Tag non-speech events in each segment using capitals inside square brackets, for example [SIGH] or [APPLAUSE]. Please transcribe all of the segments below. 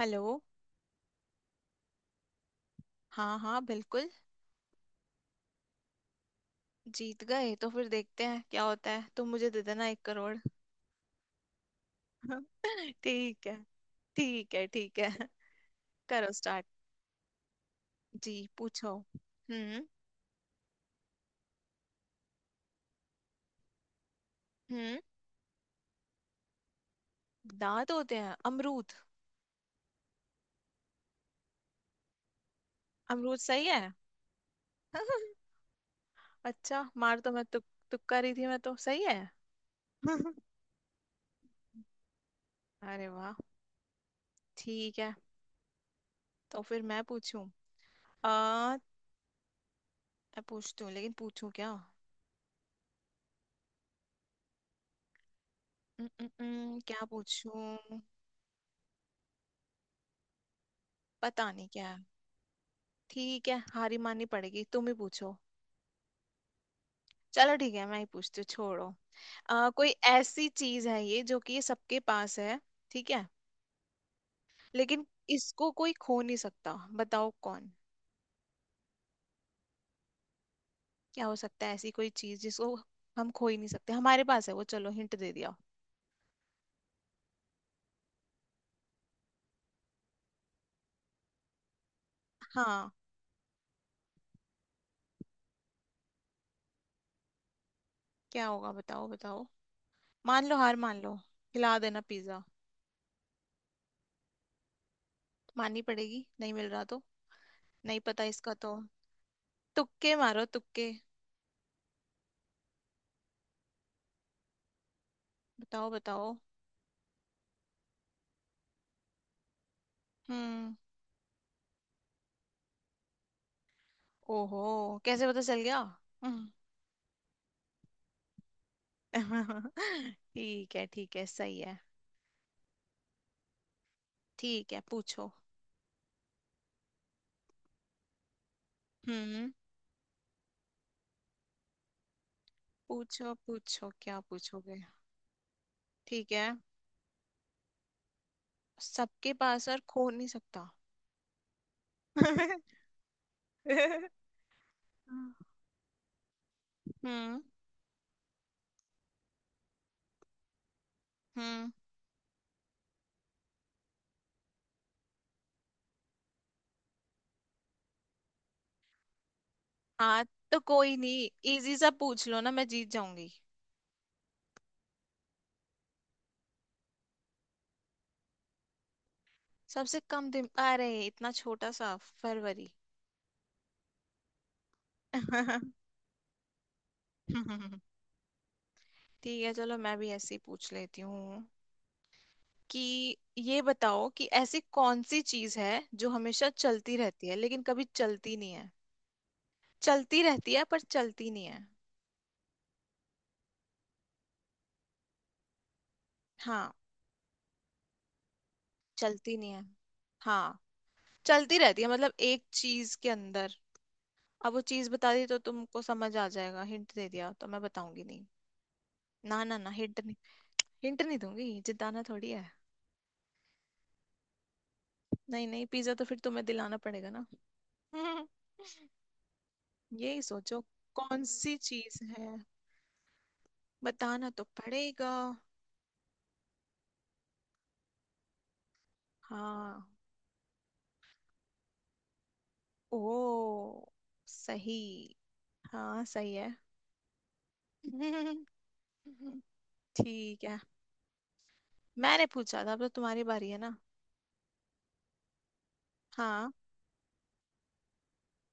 Hello. हाँ हाँ, बिल्कुल। जीत गए तो फिर देखते हैं क्या होता है, तुम मुझे दे देना 1 करोड़। [LAUGHS] ठीक है। ठीक है ठीक है। करो स्टार्ट। जी पूछो। हम्म। हम्म। दांत होते हैं, अमरूद। अमरूद सही है। [LAUGHS] अच्छा, मार तो मैं तुक्का रही थी, मैं तो सही है। [LAUGHS] अरे वाह। ठीक है। तो फिर मैं पूछूं। आ मैं पूछती हूँ लेकिन पूछूं क्या? क्या पूछूं? पता नहीं क्या। ठीक है, हारी माननी पड़ेगी, तुम ही पूछो। चलो ठीक है, मैं ही पूछती हूँ, छोड़ो। कोई ऐसी चीज है ये जो कि ये सबके पास है। ठीक है। लेकिन इसको कोई खो नहीं सकता। बताओ कौन। क्या हो सकता है ऐसी कोई चीज जिसको हम खो ही नहीं सकते, हमारे पास है वो, चलो हिंट दे दिया। हाँ। क्या होगा, बताओ बताओ। मान लो, हार मान लो। खिला देना पिज्जा। माननी पड़ेगी, नहीं मिल रहा तो। नहीं पता इसका तो। तुक्के मारो, तुक्के। बताओ बताओ। हम्म। ओहो, कैसे पता चल गया? [LAUGHS] [LAUGHS] ठीक है ठीक है, सही है। ठीक है, पूछो। हम्म। पूछो पूछो, क्या पूछोगे? ठीक है। सबके पास और खो नहीं सकता। [LAUGHS] हम्म। हम्म। हाँ। तो कोई नहीं। इजी सा पूछ लो ना, मैं जीत जाऊंगी। सबसे कम दिन, अरे इतना छोटा सा। फरवरी। [LAUGHS] ठीक है चलो, मैं भी ऐसे ही पूछ लेती हूँ कि ये बताओ कि ऐसी कौन सी चीज है जो हमेशा चलती रहती है लेकिन कभी चलती नहीं है। चलती रहती है पर चलती नहीं है। हाँ। चलती नहीं है। हाँ। चलती रहती है मतलब एक चीज के अंदर। अब वो चीज बता दी तो तुमको समझ आ जाएगा, हिंट दे दिया तो, मैं बताऊंगी नहीं। ना ना ना, हिंट नहीं। हिंट नहीं दूंगी, जिताना थोड़ी है। नहीं नहीं, पिज्जा तो फिर तुम्हें दिलाना पड़ेगा ना। [LAUGHS] हम्म। यही सोचो। कौन सी चीज है? बताना तो पड़ेगा। हाँ। ओ सही। हाँ सही है। [LAUGHS] ठीक है। मैंने पूछा था, अब तो तुम्हारी बारी है ना। हाँ।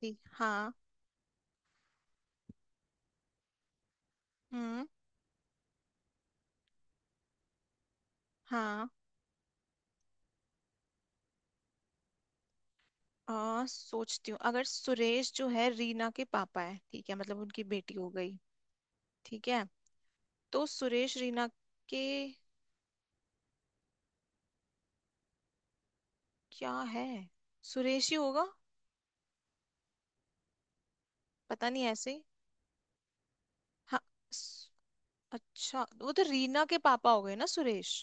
ठीक, हाँ। हम्म। हाँ। सोचती हूँ, अगर सुरेश जो है रीना के पापा है, ठीक है, मतलब उनकी बेटी हो गई। ठीक है। तो सुरेश रीना के। क्या है? सुरेश ही होगा। पता नहीं, ऐसे ही। हाँ। स- अच्छा, वो तो रीना के पापा हो गए ना सुरेश।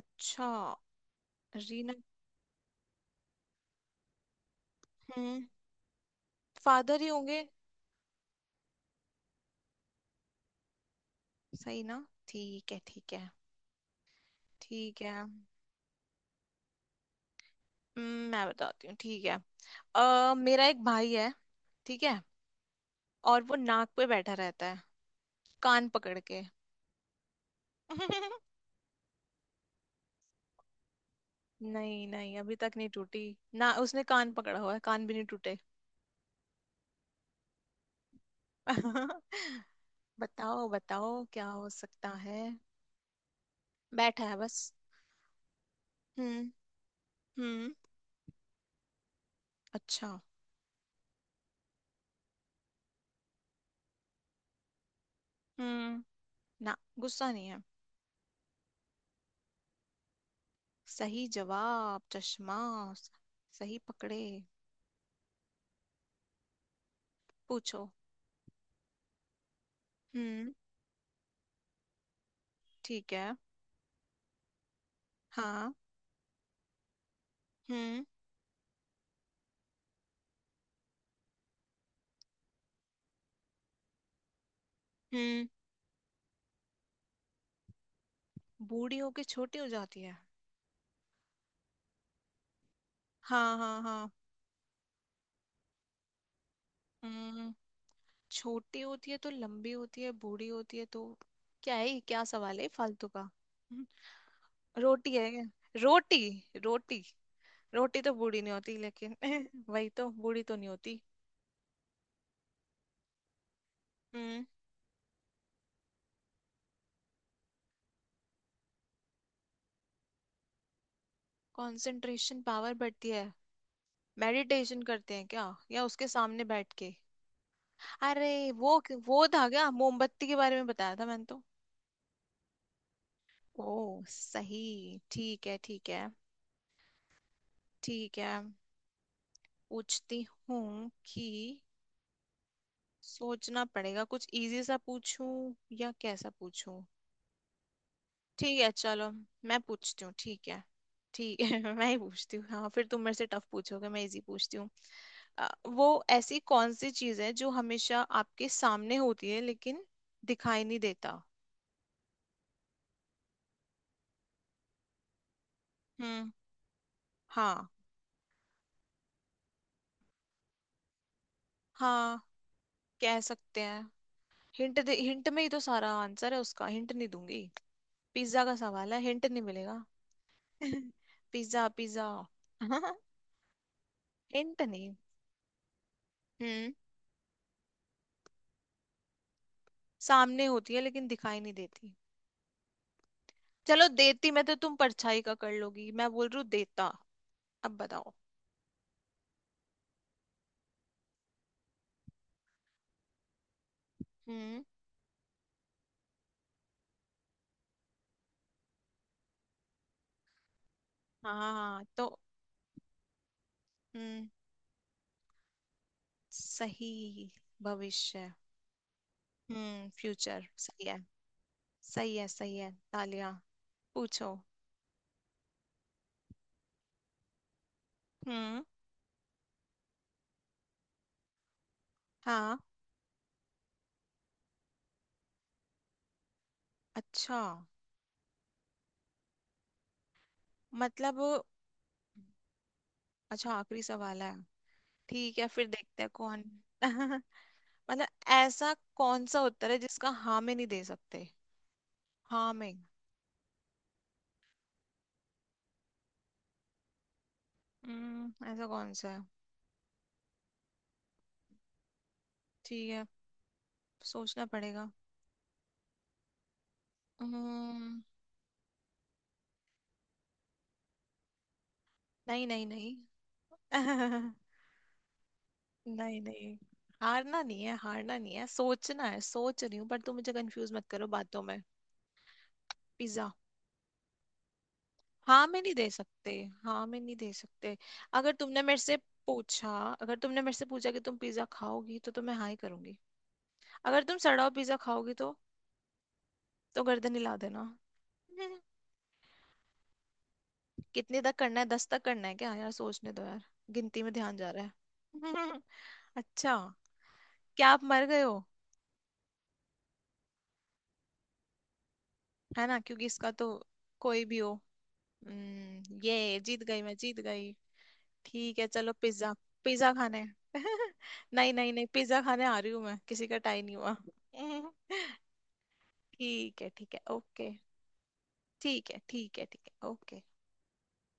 अच्छा। रीना। हम्म। फादर ही होंगे। सही ना, ठीक है ठीक है। ठीक है। मैं बताती हूँ, ठीक है। मेरा एक भाई है। ठीक है। और वो नाक पे बैठा रहता है, कान पकड़ के। [LAUGHS] नहीं नहीं, अभी तक नहीं टूटी। ना, उसने कान पकड़ा हुआ है, कान भी नहीं टूटे। [LAUGHS] बताओ बताओ, क्या हो सकता है? बैठा है बस। हम्म। हम्म। अच्छा। हम्म। ना, गुस्सा नहीं है। सही जवाब, चश्मा। सही पकड़े। पूछो। हम्म। ठीक है। हाँ। हम्म। हम्म। बूढ़ी होके छोटी हो जाती है। हाँ हाँ हाँ। हम्म। छोटी होती है तो लंबी होती है, बूढ़ी होती है तो क्या है ये? क्या सवाल है फालतू का? रोटी है क्या? रोटी। रोटी। रोटी तो बूढ़ी नहीं होती लेकिन [LAUGHS] वही तो, बूढ़ी तो नहीं होती। हम्म। कंसंट्रेशन पावर बढ़ती है। मेडिटेशन करते हैं क्या? या उसके सामने बैठ के, अरे वो था क्या? मोमबत्ती के बारे में बताया था मैंने तो। ओ सही, ठीक है ठीक है। ठीक है। पूछती हूँ कि सोचना पड़ेगा, कुछ इजी सा पूछूं या कैसा पूछूं। ठीक है चलो, मैं पूछती हूँ, ठीक है। ठीक है। [LAUGHS] मैं ही पूछती हूँ, हाँ फिर तुम मेरे से टफ पूछोगे, मैं इजी पूछती हूँ। वो ऐसी कौन सी चीज है जो हमेशा आपके सामने होती है लेकिन दिखाई नहीं देता। हम्म। हाँ। हाँ, कह सकते हैं। हिंट दे, हिंट में ही तो सारा आंसर है उसका, हिंट नहीं दूंगी। पिज्जा का सवाल है, हिंट नहीं मिलेगा। [LAUGHS] Pizza pizza. हम्म। हिंट नहीं। हम्म। सामने होती है लेकिन दिखाई नहीं देती। चलो देती, मैं तो तुम परछाई का कर लोगी, मैं बोल रही हूँ देता। अब बताओ। हम्म। हाँ हाँ, तो। हम्म। सही। भविष्य। फ्यूचर सही है। सही है सही है, तालिया। पूछो। हम्म। हाँ। अच्छा। मतलब। अच्छा, आखिरी सवाल है। ठीक है, फिर देखते हैं कौन। [LAUGHS] मतलब, ऐसा कौन सा उत्तर है जिसका हाँ में नहीं दे सकते? हाँ में। ऐसा कौन सा है? ठीक है, सोचना पड़ेगा। हम्म। नहीं नहीं नहीं। [LAUGHS] नहीं नहीं, हारना नहीं है, हारना नहीं है, सोचना है, सोच रही हूँ, पर तुम मुझे कंफ्यूज मत करो बातों में। पिज्जा। हाँ में नहीं दे सकते। हाँ में नहीं दे सकते। अगर तुमने मेरे से पूछा। अगर तुमने मेरे से पूछा कि तुम पिज्जा खाओगी तो मैं हाँ ही करूंगी। अगर तुम सड़ा हुआ पिज्जा खाओगी तो गर्दन हिला देना। [LAUGHS] कितने तक करना है, 10 तक करना है क्या यार? सोचने दो यार, गिनती में ध्यान जा रहा है। [LAUGHS] अच्छा। क्या आप मर गए हो? है ना, क्योंकि इसका तो कोई भी हो। ये जीत गई, मैं जीत गई। ठीक है चलो, पिज्जा। पिज्जा खाने। [LAUGHS] नहीं नहीं नहीं, पिज्जा खाने आ रही हूँ मैं, किसी का टाई नहीं हुआ। [LAUGHS] ठीक है ठीक है, ओके। ठीक है ठीक है ठीक है, ओके।